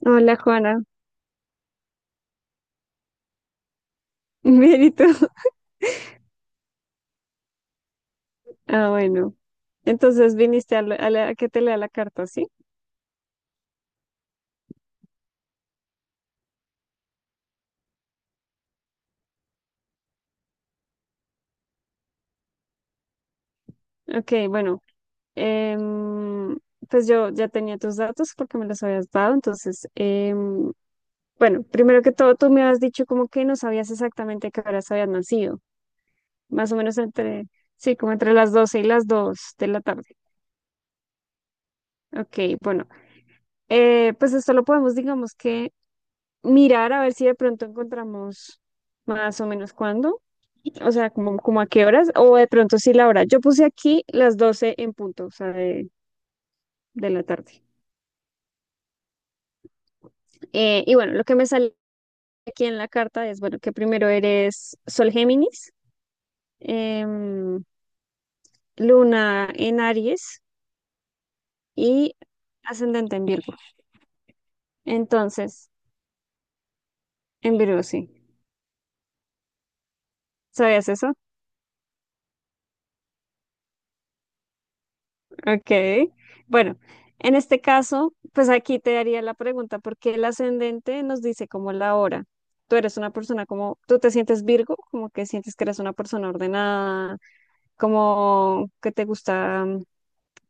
Hola Juana. Bien, ¿y tú? Ah, bueno. Entonces viniste a que te lea la carta, ¿sí? Ok, bueno. em, pues yo ya tenía tus datos porque me los habías dado. Entonces, bueno, primero que todo, tú me has dicho como que no sabías exactamente a qué horas habías nacido, más o menos entre, sí, como entre las 12 y las 2 de la tarde. Ok, bueno, pues esto lo podemos, digamos que, mirar a ver si de pronto encontramos más o menos cuándo. O sea, como a qué horas, o de pronto sí la hora. Yo puse aquí las 12 en punto, o sea, de la tarde. Y bueno, lo que me sale aquí en la carta es, bueno, que primero eres Sol Géminis, em, Luna en Aries y ascendente en Virgo. Entonces, en Virgo, sí. ¿Sabías eso? Ok, bueno, en este caso, pues aquí te haría la pregunta, porque el ascendente nos dice como la hora. Tú eres una persona como, tú te sientes Virgo, como que sientes que eres una persona ordenada, como que te gusta,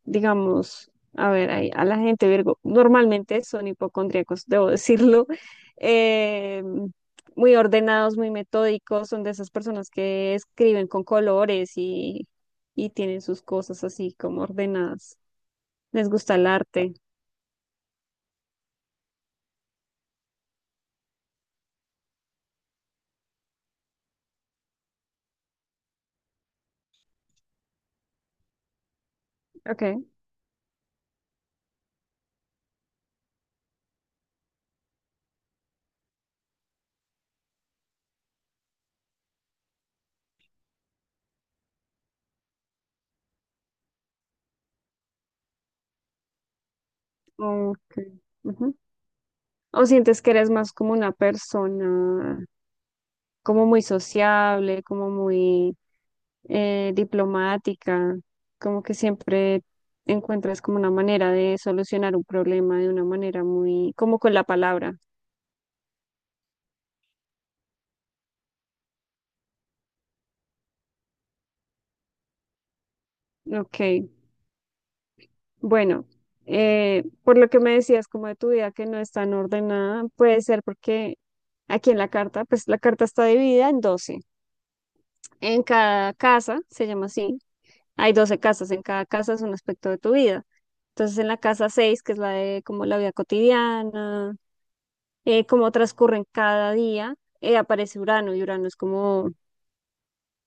digamos, a ver, ahí, a la gente Virgo, normalmente son hipocondríacos, debo decirlo. eh, Muy ordenados, muy metódicos, son de esas personas que escriben con colores tienen sus cosas así como ordenadas. Les gusta el arte. Ok. Ok. Ujú. O sientes que eres más como una persona, como muy sociable, como muy diplomática, como que siempre encuentras como una manera de solucionar un problema de una manera muy, como con la palabra. Ok, bueno, por lo que me decías como de tu vida que no es tan ordenada, puede ser porque aquí en la carta, pues la carta está dividida en 12. En cada casa, se llama así, hay 12 casas, en cada casa es un aspecto de tu vida. Entonces en la casa seis, que es la de como la vida cotidiana, cómo transcurren cada día, aparece Urano, y Urano es como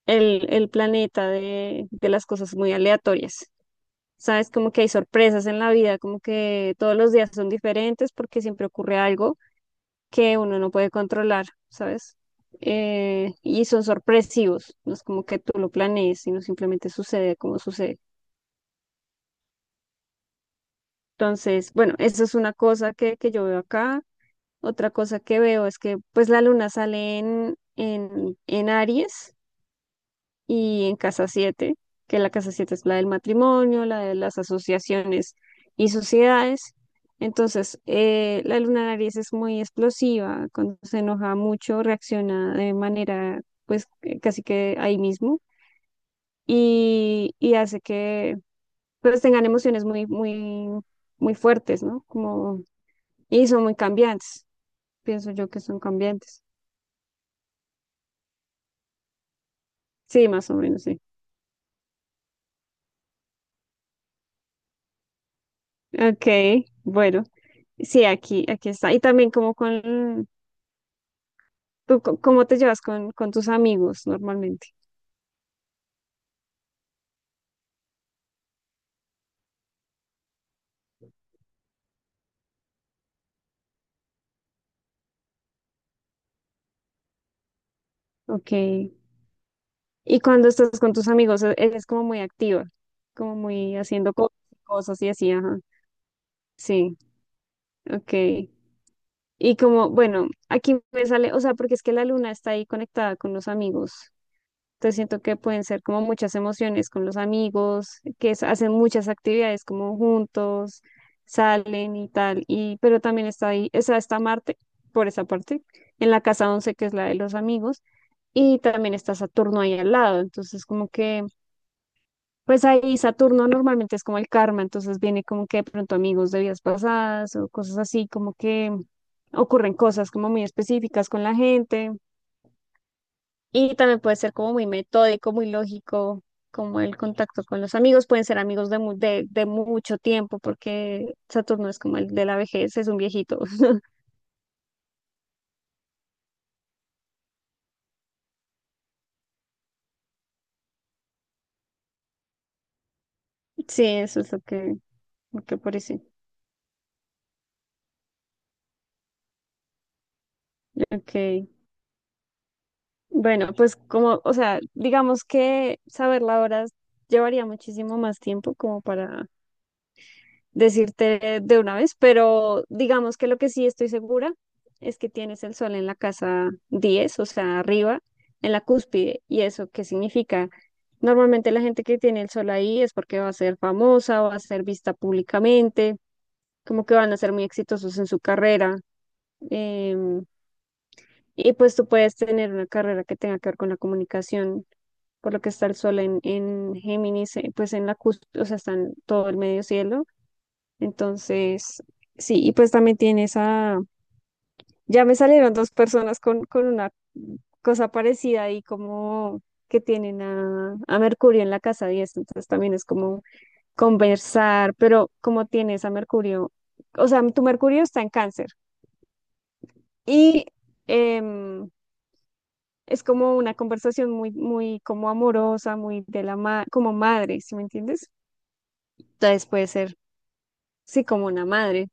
el planeta de las cosas muy aleatorias. Sabes, como que hay sorpresas en la vida, como que todos los días son diferentes porque siempre ocurre algo que uno no puede controlar, ¿sabes? Y son sorpresivos, no es como que tú lo planees, sino simplemente sucede como sucede. Entonces, bueno, eso es una cosa que yo veo acá. Otra cosa que veo es que pues la luna sale en, Aries y en Casa siete, que la Casa 7 es la del matrimonio, la de las asociaciones y sociedades. Entonces, la luna Aries es muy explosiva, cuando se enoja mucho, reacciona de manera, pues, casi que ahí mismo, y hace que, pues, tengan emociones muy, muy, muy fuertes, ¿no? Como, y son muy cambiantes, pienso yo que son cambiantes. Sí, más o menos, sí. Ok, bueno, sí, aquí, aquí está. Y también como con, ¿tú cómo te llevas con tus amigos normalmente? Ok. Y cuando estás con tus amigos, eres como muy activa, como muy haciendo cosas y así, ajá. Sí, ok. Y como, bueno, aquí me sale, o sea, porque es que la luna está ahí conectada con los amigos. Entonces siento que pueden ser como muchas emociones con los amigos, que es- hacen muchas actividades como juntos, salen y tal, y pero también está ahí, esa está Marte, por esa parte, en la casa 11, que es la de los amigos, y también está Saturno ahí al lado. Entonces, como que pues ahí Saturno normalmente es como el karma, entonces viene como que de pronto amigos de vidas pasadas o cosas así, como que ocurren cosas como muy específicas con la gente, y también puede ser como muy metódico, muy lógico, como el contacto con los amigos. Pueden ser amigos de mucho tiempo, porque Saturno es como el de la vejez, es un viejito. Sí, eso es lo que parece. Ok. Bueno, pues como, o sea, digamos que saber la hora llevaría muchísimo más tiempo como para decirte de una vez, pero digamos que lo que sí estoy segura es que tienes el sol en la casa 10, o sea, arriba, en la cúspide. ¿Y eso qué significa? Normalmente la gente que tiene el sol ahí es porque va a ser famosa, va a ser vista públicamente, como que van a ser muy exitosos en su carrera. em, y pues tú puedes tener una carrera que tenga que ver con la comunicación, por lo que está el sol en Géminis, pues en la cúspide, o sea, está en todo el medio cielo. Entonces, sí, y pues también tiene esa, ya me salieron dos personas con una cosa parecida, y como que tienen a Mercurio en la casa 10, entonces también es como conversar, pero como tienes a Mercurio, o sea, tu Mercurio está en cáncer y em, es como una conversación muy, muy como amorosa, muy de como madre, ¿sí me entiendes? Entonces puede ser, sí, como una madre.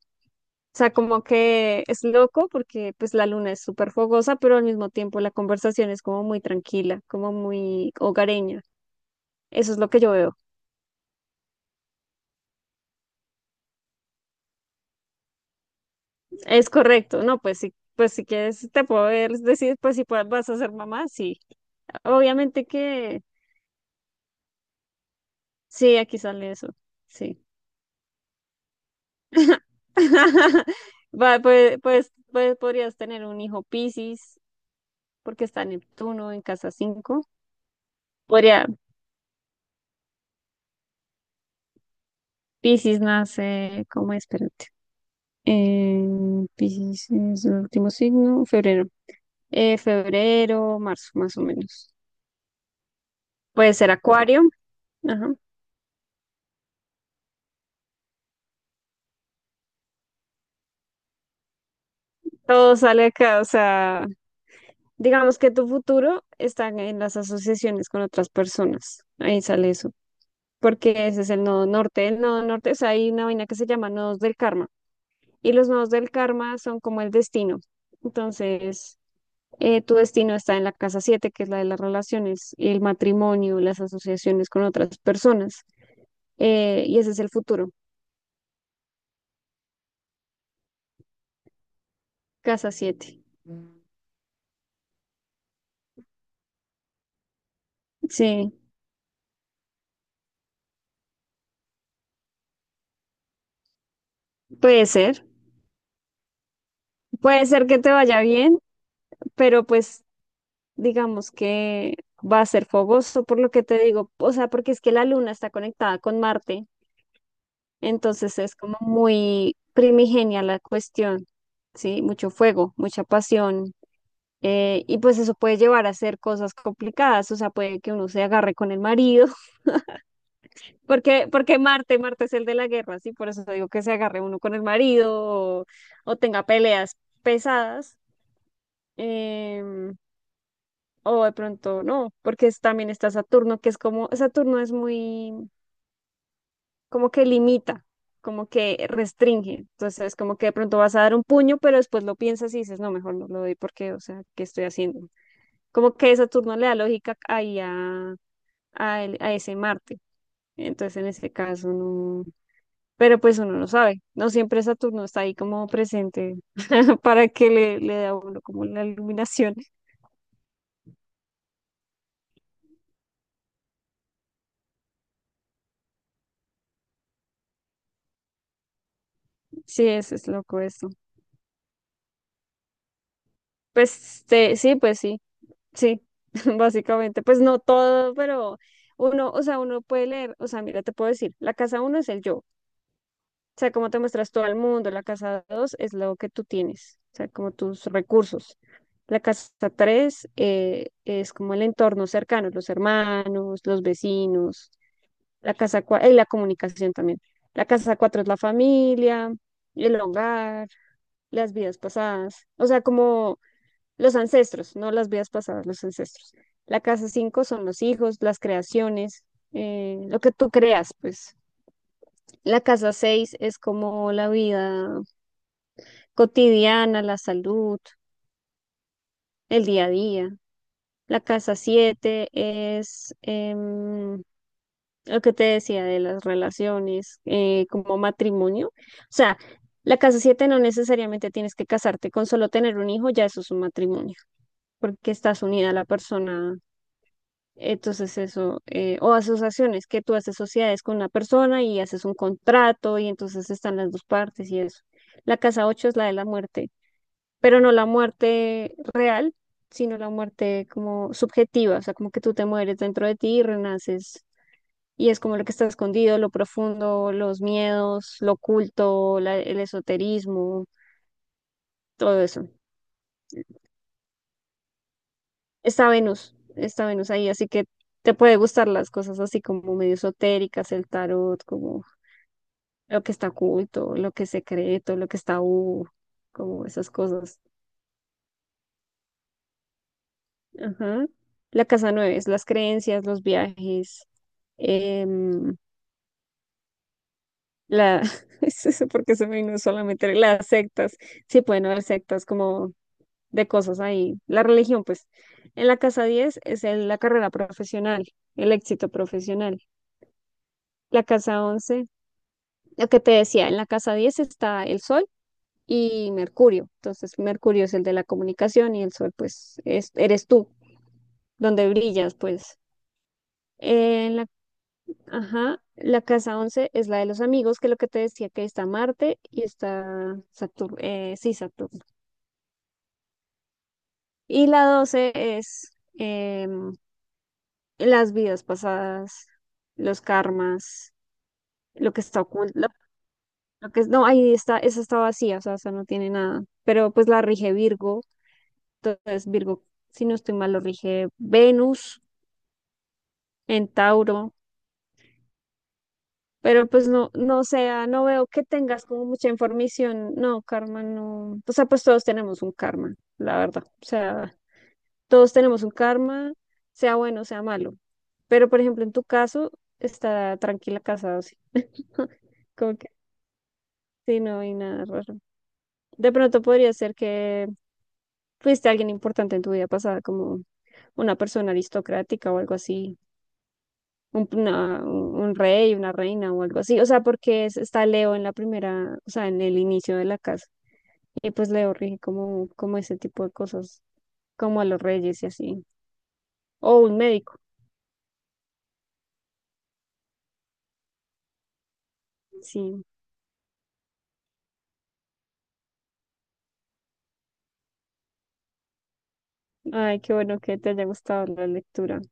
O sea, como que es loco porque pues la luna es súper fogosa, pero al mismo tiempo la conversación es como muy tranquila, como muy hogareña. Eso es lo que yo veo. Es correcto, ¿no? Pues sí, pues si quieres te puedo ver- decir, pues si puedes- vas a ser mamá, sí. Obviamente que sí, aquí sale eso, sí. Va, pues, podrías tener un hijo Piscis, porque está Neptuno en casa 5. Podría, Piscis nace, ¿cómo es? Espérate. Eh, Piscis es el último signo, febrero. Febrero, marzo, más o menos. Puede ser Acuario. Ajá. Todo sale acá, o sea, digamos que tu futuro está en las asociaciones con otras personas. Ahí sale eso, porque ese es el nodo norte. El nodo norte, o sea, hay una vaina que se llama nodos del karma. Y los nodos del karma son como el destino. Entonces, tu destino está en la casa 7, que es la de las relaciones, el matrimonio, las asociaciones con otras personas. Y ese es el futuro, casa siete. Sí, puede ser, puede ser que te vaya bien, pero pues digamos que va a ser fogoso por lo que te digo, o sea, porque es que la luna está conectada con Marte, entonces es como muy primigenia la cuestión, ¿sí? Mucho fuego, mucha pasión, y pues eso puede llevar a hacer cosas complicadas, o sea, puede que uno se agarre con el marido. Porque Marte es el de la guerra, sí, por eso digo que se agarre uno con el marido o, o tenga peleas pesadas, em, o de pronto no, porque es- también está Saturno, que es como, Saturno es muy, como que limita, como que restringe, entonces como que de pronto vas a dar un puño, pero después lo piensas y dices, no, mejor no lo doy porque, o sea, ¿qué estoy haciendo? Como que Saturno le da lógica ahí a ese Marte, entonces en ese caso no. Pero pues uno no sabe, no siempre Saturno está ahí como presente para que le dé a uno como la iluminación. Sí, eso es loco eso. Pues sí, pues sí, sí, básicamente, pues no todo, pero uno, o sea, uno puede leer, o sea, mira, te puedo decir, la casa uno es el yo, o sea, cómo te muestras todo el mundo, la casa dos es lo que tú tienes, o sea, como tus recursos. La casa 3 es como el entorno cercano, los hermanos, los vecinos. La casa cuatro, y la comunicación también. La casa cuatro es la familia, el hogar, las vidas pasadas, o sea, como los ancestros, no las vidas pasadas, los ancestros. La casa cinco son los hijos, las creaciones, lo que tú creas, pues. La casa seis es como la vida cotidiana, la salud, el día a día. La casa siete es lo que te decía de las relaciones, como matrimonio. O sea, la casa siete no necesariamente tienes que casarte, con solo tener un hijo ya eso es un matrimonio, porque estás unida a la persona. Entonces eso, o asociaciones, que tú haces sociedades con una persona y haces un contrato y entonces están las dos partes y eso. La casa ocho es la de la muerte, pero no la muerte real, sino la muerte como subjetiva, o sea, como que tú te mueres dentro de ti y renaces, y es como lo que está escondido, lo profundo, los miedos, lo oculto, el esoterismo, todo eso. Está Venus ahí, así que te puede gustar las cosas así como medio esotéricas, el tarot, como lo que está oculto, lo que es secreto, lo que está como esas cosas. Ajá. La casa nueve es las creencias, los viajes, em, la... es eso porque se me vino solamente las sectas. Sí, pueden haber sectas como de cosas ahí. La religión, pues, en la casa 10 es el- la carrera profesional, el éxito profesional. La casa 11 lo que te decía, en la casa 10 está el sol y Mercurio. Entonces, Mercurio es el de la comunicación, y el sol, pues, es, eres tú, donde brillas, pues. En la, ajá, la casa 11 es la de los amigos, que es lo que te decía, que está Marte y está Saturno, sí, Saturno. Y la 12 es... em, las vidas pasadas, los karmas, lo que está oculto, lo que es, no, ahí está, esa está vacía, o sea, esa no tiene nada, pero pues la rige Virgo. Entonces Virgo, si no estoy mal, lo rige Venus en Tauro, pero pues no, no, o sea, no veo que tengas como mucha información, no, karma, no, o sea, pues todos tenemos un karma, la verdad. O sea, todos tenemos un karma, sea bueno, sea malo, pero por ejemplo, en tu caso, está tranquila casa 12. Sí, no hay nada raro. De pronto podría ser que fuiste alguien importante en tu vida pasada, como una persona aristocrática o algo así, un, una- un rey, una reina o algo así. O sea, porque es- está Leo en la primera, o sea, en el inicio de la casa. Y pues Leo rige como, como ese tipo de cosas, como a los reyes y así. O un médico, sí. Ay, qué bueno que te haya gustado la lectura.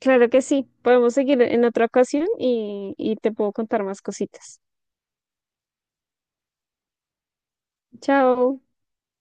Claro que sí. Podemos seguir en otra ocasión, y te puedo contar más cositas. Chao.